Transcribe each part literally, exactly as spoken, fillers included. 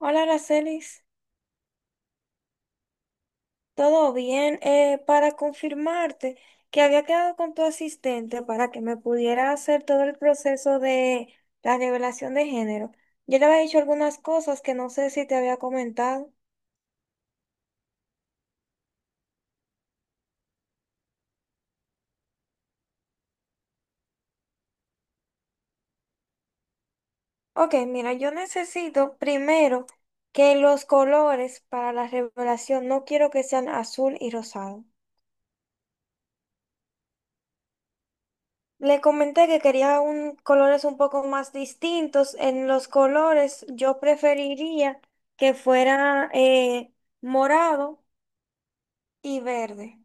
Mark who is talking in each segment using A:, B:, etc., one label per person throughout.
A: Hola, Aracelis. ¿Todo bien? Eh, para confirmarte que había quedado con tu asistente para que me pudiera hacer todo el proceso de la revelación de género. Yo le había dicho algunas cosas que no sé si te había comentado. Ok, mira, yo necesito primero que los colores para la revelación no quiero que sean azul y rosado. Le comenté que quería un, colores un poco más distintos. En los colores yo preferiría que fuera eh, morado y verde.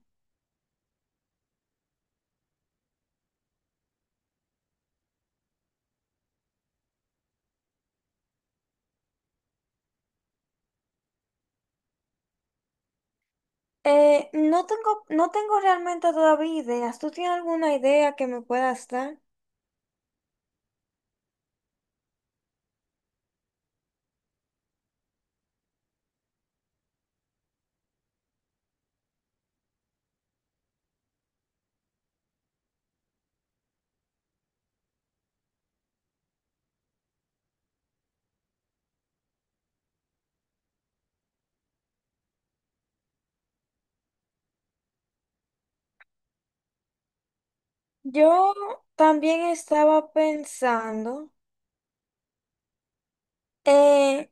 A: Eh, no tengo, no tengo realmente todavía ideas. ¿Tú tienes alguna idea que me puedas dar? Yo también estaba pensando eh,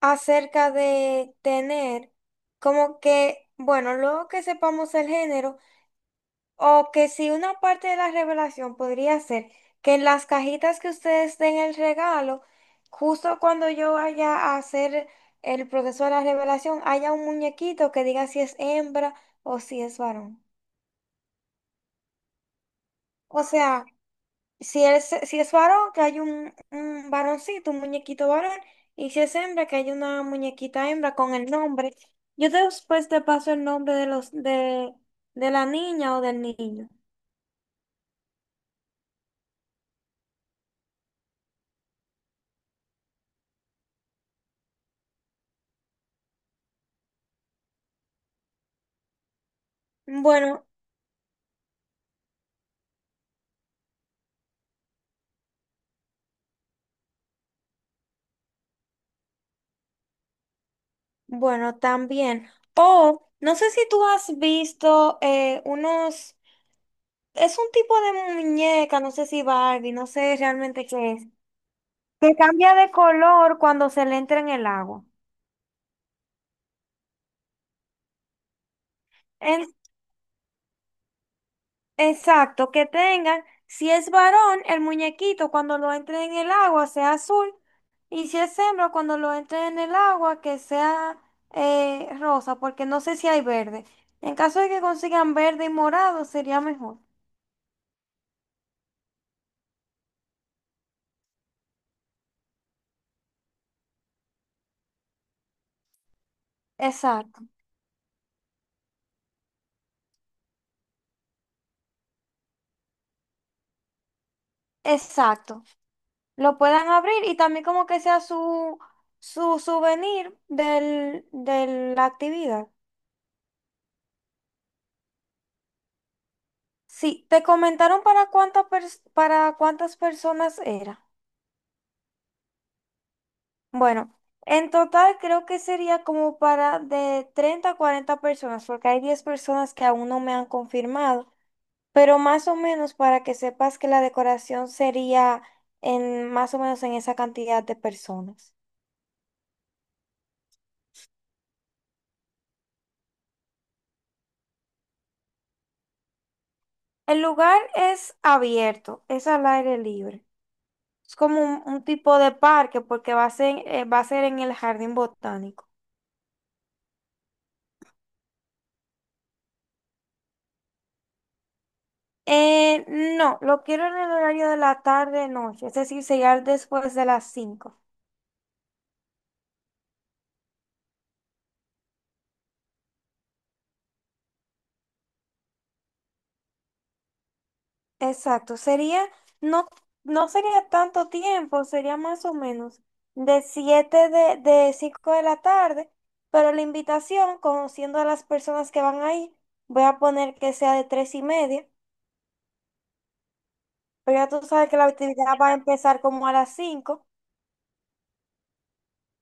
A: acerca de tener como que, bueno, luego que sepamos el género, o que si una parte de la revelación podría ser que en las cajitas que ustedes den el regalo, justo cuando yo vaya a hacer el proceso de la revelación, haya un muñequito que diga si es hembra o si es varón. O sea, si es, si es varón, que hay un, un varoncito, un muñequito varón, y si es hembra, que hay una muñequita hembra con el nombre. Yo después te paso el nombre de los, de, de la niña o del niño. Bueno, bueno, también. O no sé si tú has visto eh, unos, es un tipo de muñeca, no sé si Barbie, no sé realmente qué es, que cambia de color cuando se le entra en el agua. En- exacto, que tengan, si es varón, el muñequito cuando lo entre en el agua sea azul, y si es hembra, cuando lo entre en el agua que sea eh, rosa, porque no sé si hay verde. En caso de que consigan verde y morado, sería mejor. Exacto. Exacto. Lo puedan abrir y también como que sea su, su souvenir del, de la actividad. Sí, te comentaron para cuánta pers- para cuántas personas era. Bueno, en total creo que sería como para de treinta a cuarenta personas, porque hay diez personas que aún no me han confirmado, pero más o menos para que sepas que la decoración sería en más o menos en esa cantidad de personas. El lugar es abierto, es al aire libre. Es como un, un tipo de parque porque va a ser, eh, va a ser en el jardín botánico. Eh, no, lo quiero en el horario de la tarde-noche, es decir, sería después de las cinco. Exacto, sería, no, no sería tanto tiempo, sería más o menos de siete de, de cinco de la tarde, pero la invitación, conociendo a las personas que van ahí, voy a poner que sea de tres y media, pero ya tú sabes que la actividad va a empezar como a las cinco.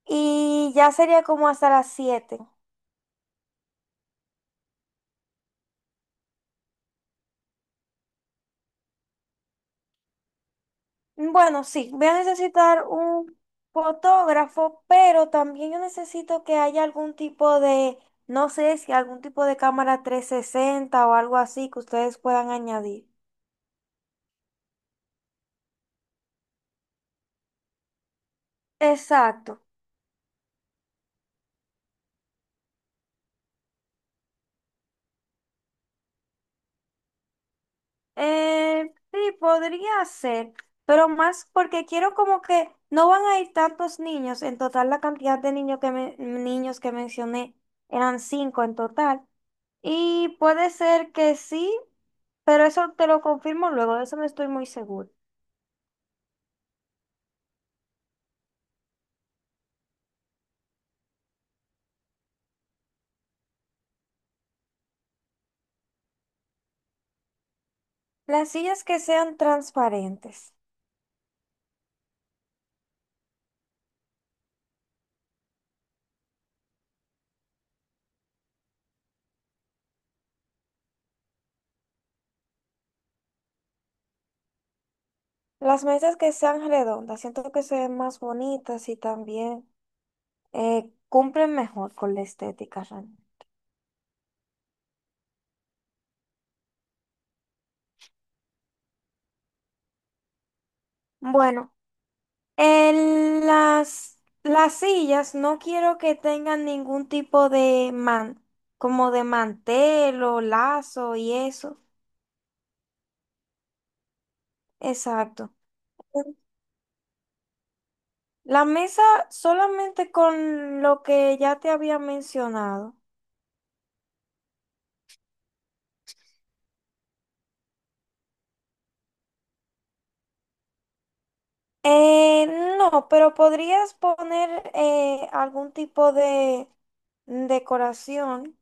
A: Y ya sería como hasta las siete. Bueno, sí, voy a necesitar un fotógrafo, pero también yo necesito que haya algún tipo de, no sé si algún tipo de cámara trescientos sesenta o algo así que ustedes puedan añadir. Exacto. Eh, sí, podría ser, pero más porque quiero como que no van a ir tantos niños. En total, la cantidad de niños que, me- niños que mencioné eran cinco en total. Y puede ser que sí, pero eso te lo confirmo luego, de eso no estoy muy seguro. Las sillas que sean transparentes, las mesas que sean redondas, siento que se ven más bonitas y también eh, cumplen mejor con la estética realmente. Bueno, en las, las sillas no quiero que tengan ningún tipo de man, como de mantel o lazo y eso. Exacto. La mesa solamente con lo que ya te había mencionado. Eh, no, pero podrías poner eh, algún tipo de decoración,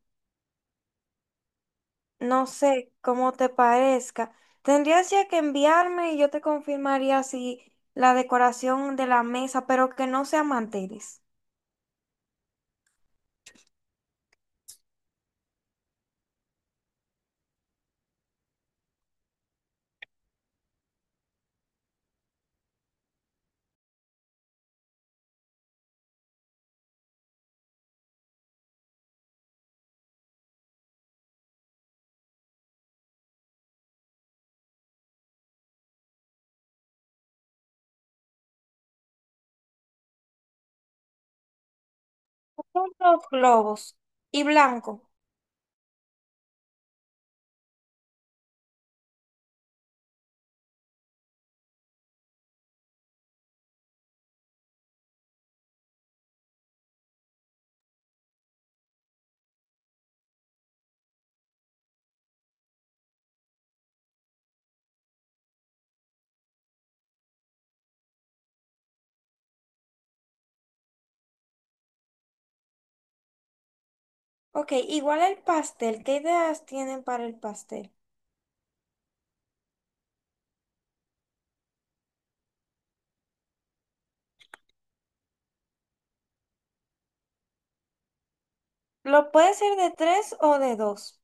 A: no sé cómo te parezca. Tendrías ya que enviarme y yo te confirmaría si la decoración de la mesa, pero que no sea manteles. Son los globos y blanco. Ok, igual el pastel. ¿Qué ideas tienen para el pastel? ¿Lo puede ser de tres o de dos?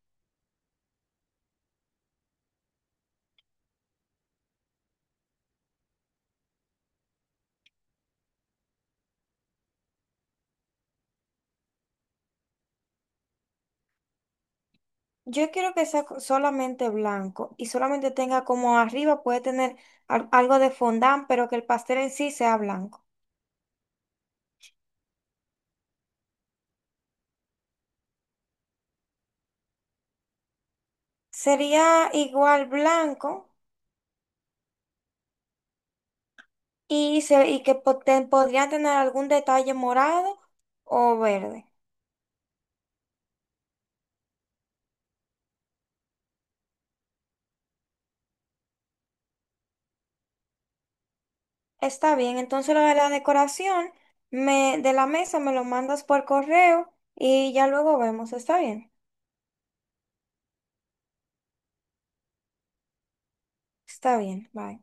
A: Yo quiero que sea co- solamente blanco y solamente tenga como arriba puede tener al- algo de fondant, pero que el pastel en sí sea blanco. Sería igual blanco y, se, y que po- te- podrían tener algún detalle morado o verde. Está bien, entonces lo de la decoración me, de la mesa me lo mandas por correo y ya luego vemos. Está bien, está bien, bye.